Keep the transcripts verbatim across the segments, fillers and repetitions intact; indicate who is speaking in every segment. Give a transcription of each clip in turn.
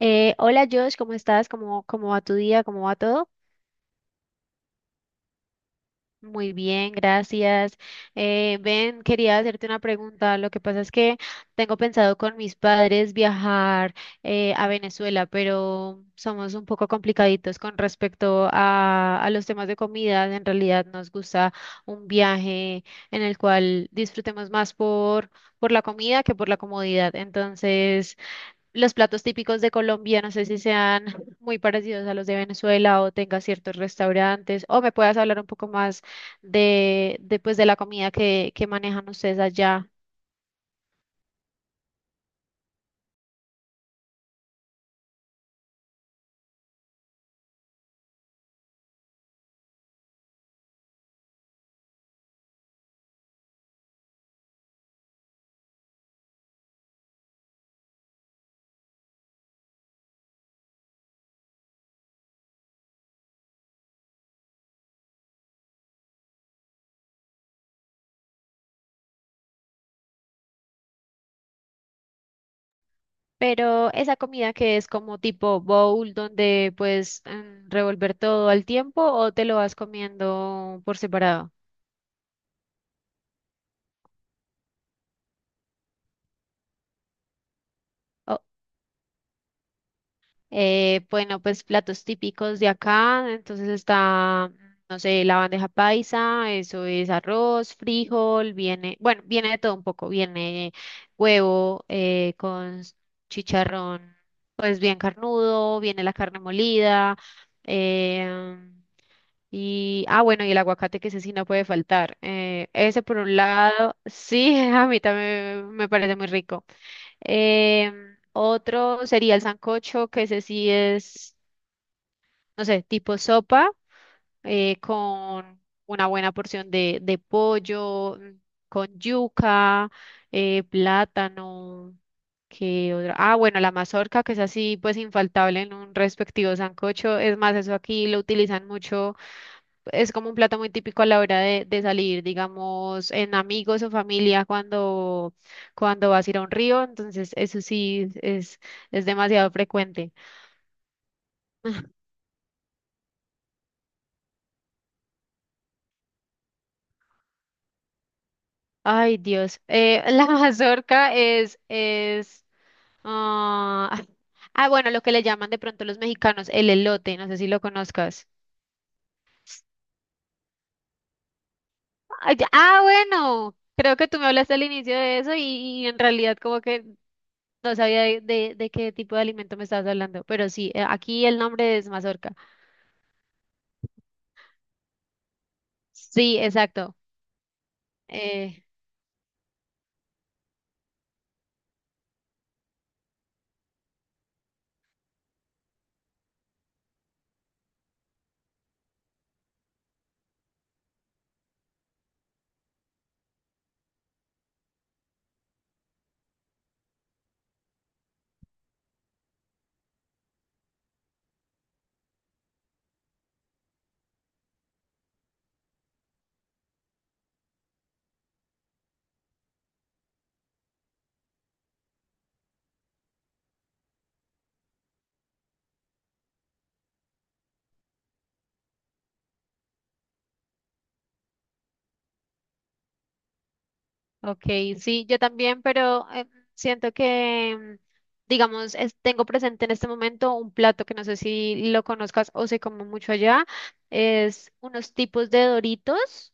Speaker 1: Eh, hola Josh, ¿cómo estás? ¿Cómo, cómo va tu día? ¿Cómo va todo? Muy bien, gracias. Eh, Ben, quería hacerte una pregunta. Lo que pasa es que tengo pensado con mis padres viajar eh, a Venezuela, pero somos un poco complicaditos con respecto a, a los temas de comida. En realidad nos gusta un viaje en el cual disfrutemos más por, por la comida que por la comodidad. Entonces, los platos típicos de Colombia, no sé si sean muy parecidos a los de Venezuela o tenga ciertos restaurantes, o me puedas hablar un poco más de, de, pues, de la comida que, que manejan ustedes allá. Pero esa comida que es como tipo bowl, donde puedes mm, revolver todo al tiempo o te lo vas comiendo por separado? Eh, bueno, pues platos típicos de acá, entonces está, no sé, la bandeja paisa, eso es arroz, frijol, viene, bueno, viene de todo un poco, viene huevo eh, con s- chicharrón, pues bien carnudo, viene la carne molida, eh, y, ah, bueno, y el aguacate que ese sí no puede faltar. Eh, ese por un lado, sí, a mí también me parece muy rico. Em, otro sería el sancocho, que ese sí es, no sé, tipo sopa, eh, con una buena porción de, de pollo, mm, con yuca, eh, plátano, que otra? Ah, bueno, la mazorca, que es así, pues infaltable en un respectivo sancocho. Es más, eso aquí lo utilizan mucho, es como un plato muy típico a la hora de, de salir, digamos, en amigos o familia cuando, cuando vas a ir a un río, entonces eso sí es, es demasiado frecuente. Ay, Dios. Eh, la mazorca es, es, ah, ah, bueno, lo que le llaman de pronto los mexicanos, el elote, no sé si lo conozcas. Ay, ya- ah, bueno, creo que tú me hablaste al inicio de eso y, y en realidad como que no sabía de, de- de qué tipo de alimento me estabas hablando, pero sí, eh, aquí el nombre es mazorca. Sí, exacto. Eh, ok, sí, yo también, pero eh, siento que, mm, digamos, es- tengo presente en este momento un plato que no sé si lo conozcas o se come mucho allá, es unos tipos de Doritos.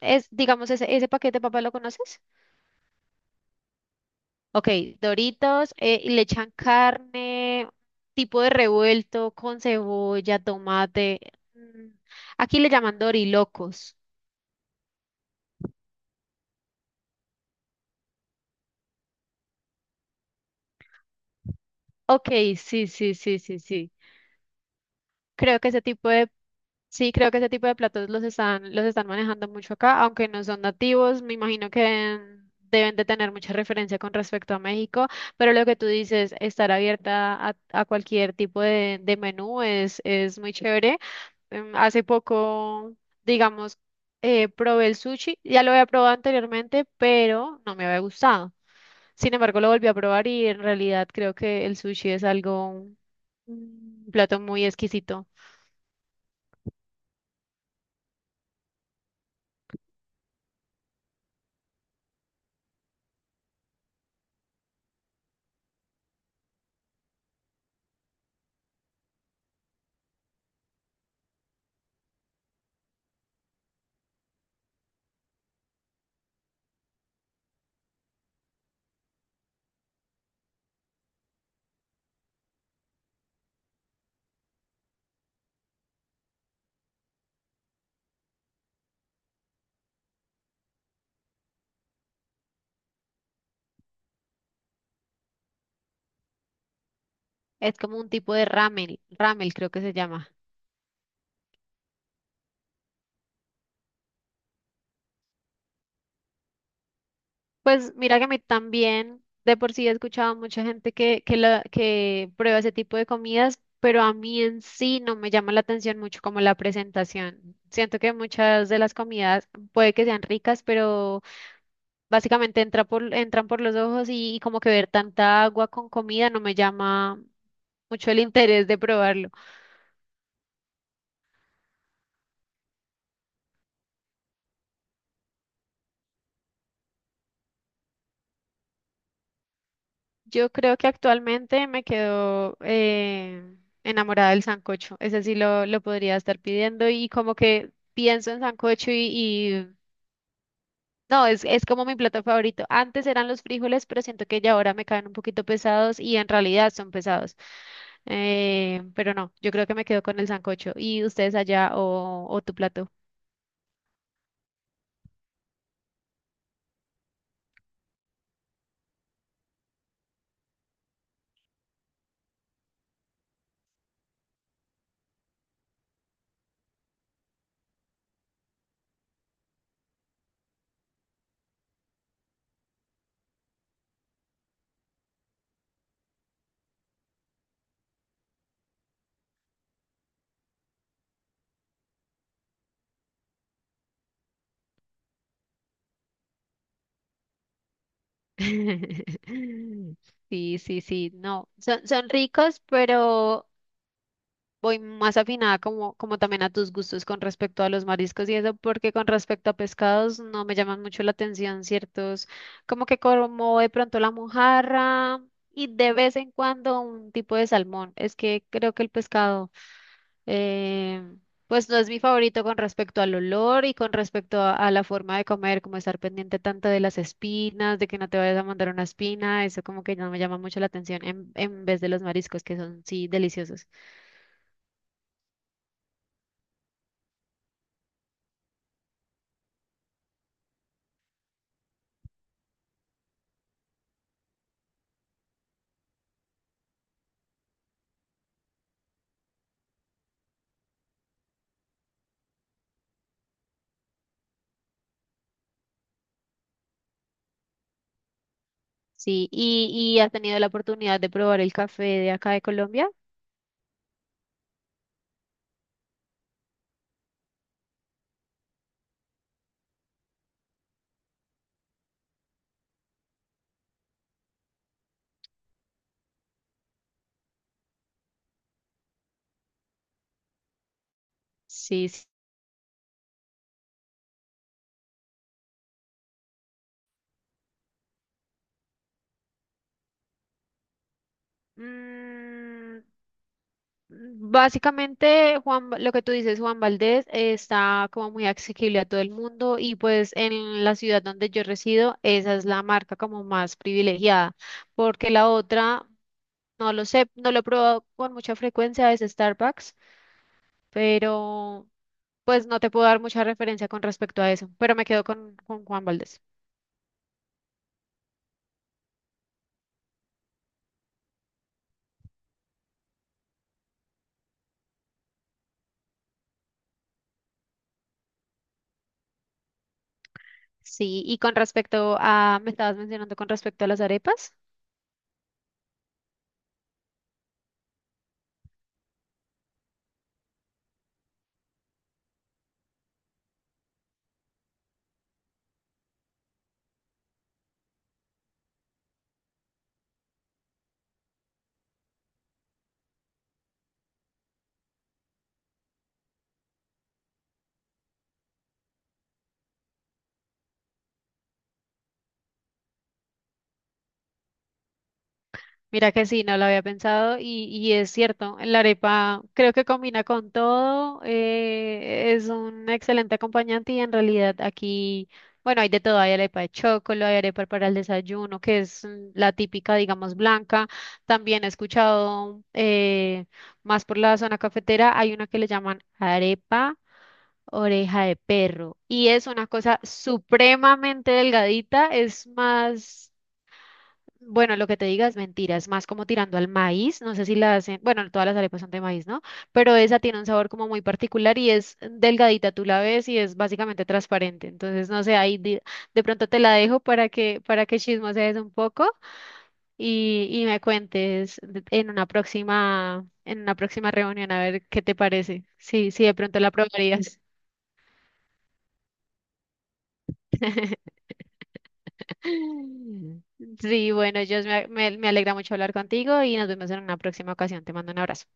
Speaker 1: Es, digamos, ese, ese paquete de papas, ¿lo conoces? Ok, Doritos, eh, y le echan carne, tipo de revuelto con cebolla, tomate. mm, Aquí le llaman dorilocos. Ok, sí, sí, sí, sí, sí. Creo que ese tipo de, Sí, creo que ese tipo de platos los están, los están manejando mucho acá, aunque no son nativos, me imagino que deben, deben de tener mucha referencia con respecto a México, pero lo que tú dices, estar abierta a, a cualquier tipo de, de menú es, es muy chévere. Em, hace poco, digamos, eh, probé el sushi. Ya lo había probado anteriormente, pero no me había gustado. Sin embargo, lo volví a probar y en realidad creo que el sushi es algo, un plato muy exquisito. Es como un tipo de ramen, ramen creo que se llama. Pues mira que a mí también, de por sí he escuchado a mucha gente que, que, la- que prueba ese tipo de comidas, pero a mí en sí no me llama la atención mucho como la presentación. Siento que muchas de las comidas puede que sean ricas, pero básicamente entra por, entran por los ojos y, y como que ver tanta agua con comida no me llama mucho el interés de probarlo. Yo creo que actualmente me quedo eh, enamorada del sancocho. Ese sí lo, lo podría estar pidiendo y como que pienso en sancocho y, y no, es, es como mi plato favorito. Antes eran los frijoles, pero siento que ya ahora me caen un poquito pesados y en realidad son pesados. Eh, pero no, yo creo que me quedo con el sancocho. ¿Y ustedes allá o, o tu plato? Sí, sí, sí, no, son, son ricos, pero voy más afinada como, como también a tus gustos con respecto a los mariscos y eso, porque con respecto a pescados no me llaman mucho la atención ciertos, como que como de pronto la mojarra y de vez en cuando un tipo de salmón. Es que creo que el pescado, eh, pues no es mi favorito con respecto al olor y con respecto a, a la forma de comer, como estar pendiente tanto de las espinas, de que no te vayas a mandar una espina, eso como que no me llama mucho la atención en, en vez de los mariscos, que son sí deliciosos. Sí, ¿y, y has tenido la oportunidad de probar el café de acá de Colombia? Sí, sí. Mm, Básicamente, Juan, lo que tú dices, Juan Valdez, eh, está como muy accesible a todo el mundo y pues en la ciudad donde yo resido, esa es la marca como más privilegiada, porque la otra, no lo sé, no lo he probado con mucha frecuencia, es Starbucks, pero pues no te puedo dar mucha referencia con respecto a eso, pero me quedo con, con Juan Valdez. Sí, y con respecto a, me estabas mencionando con respecto a las arepas. Mira que sí, no lo había pensado y, y es cierto, la arepa creo que combina con todo, eh, es un excelente acompañante y en realidad aquí, bueno, hay de todo, hay arepa de chocolo, hay arepa para el desayuno, que es mm, la típica, digamos, blanca. También he escuchado eh, más por la zona cafetera, hay una que le llaman arepa oreja de perro y es una cosa supremamente delgadita, es más, bueno, lo que te diga es mentira, es más como tirando al maíz, no sé si la hacen, bueno, todas las arepas son de maíz, ¿no? Pero esa tiene un sabor como muy particular y es delgadita, tú la ves y es básicamente transparente, entonces no sé, ahí de, de pronto te la dejo para que, para que chismosees un poco y, y me cuentes de- en una próxima, en una próxima reunión a ver qué te parece, sí, sí, de pronto la probarías. Sí, bueno, yo me, me me alegra mucho hablar contigo y nos vemos en una próxima ocasión, te mando un abrazo.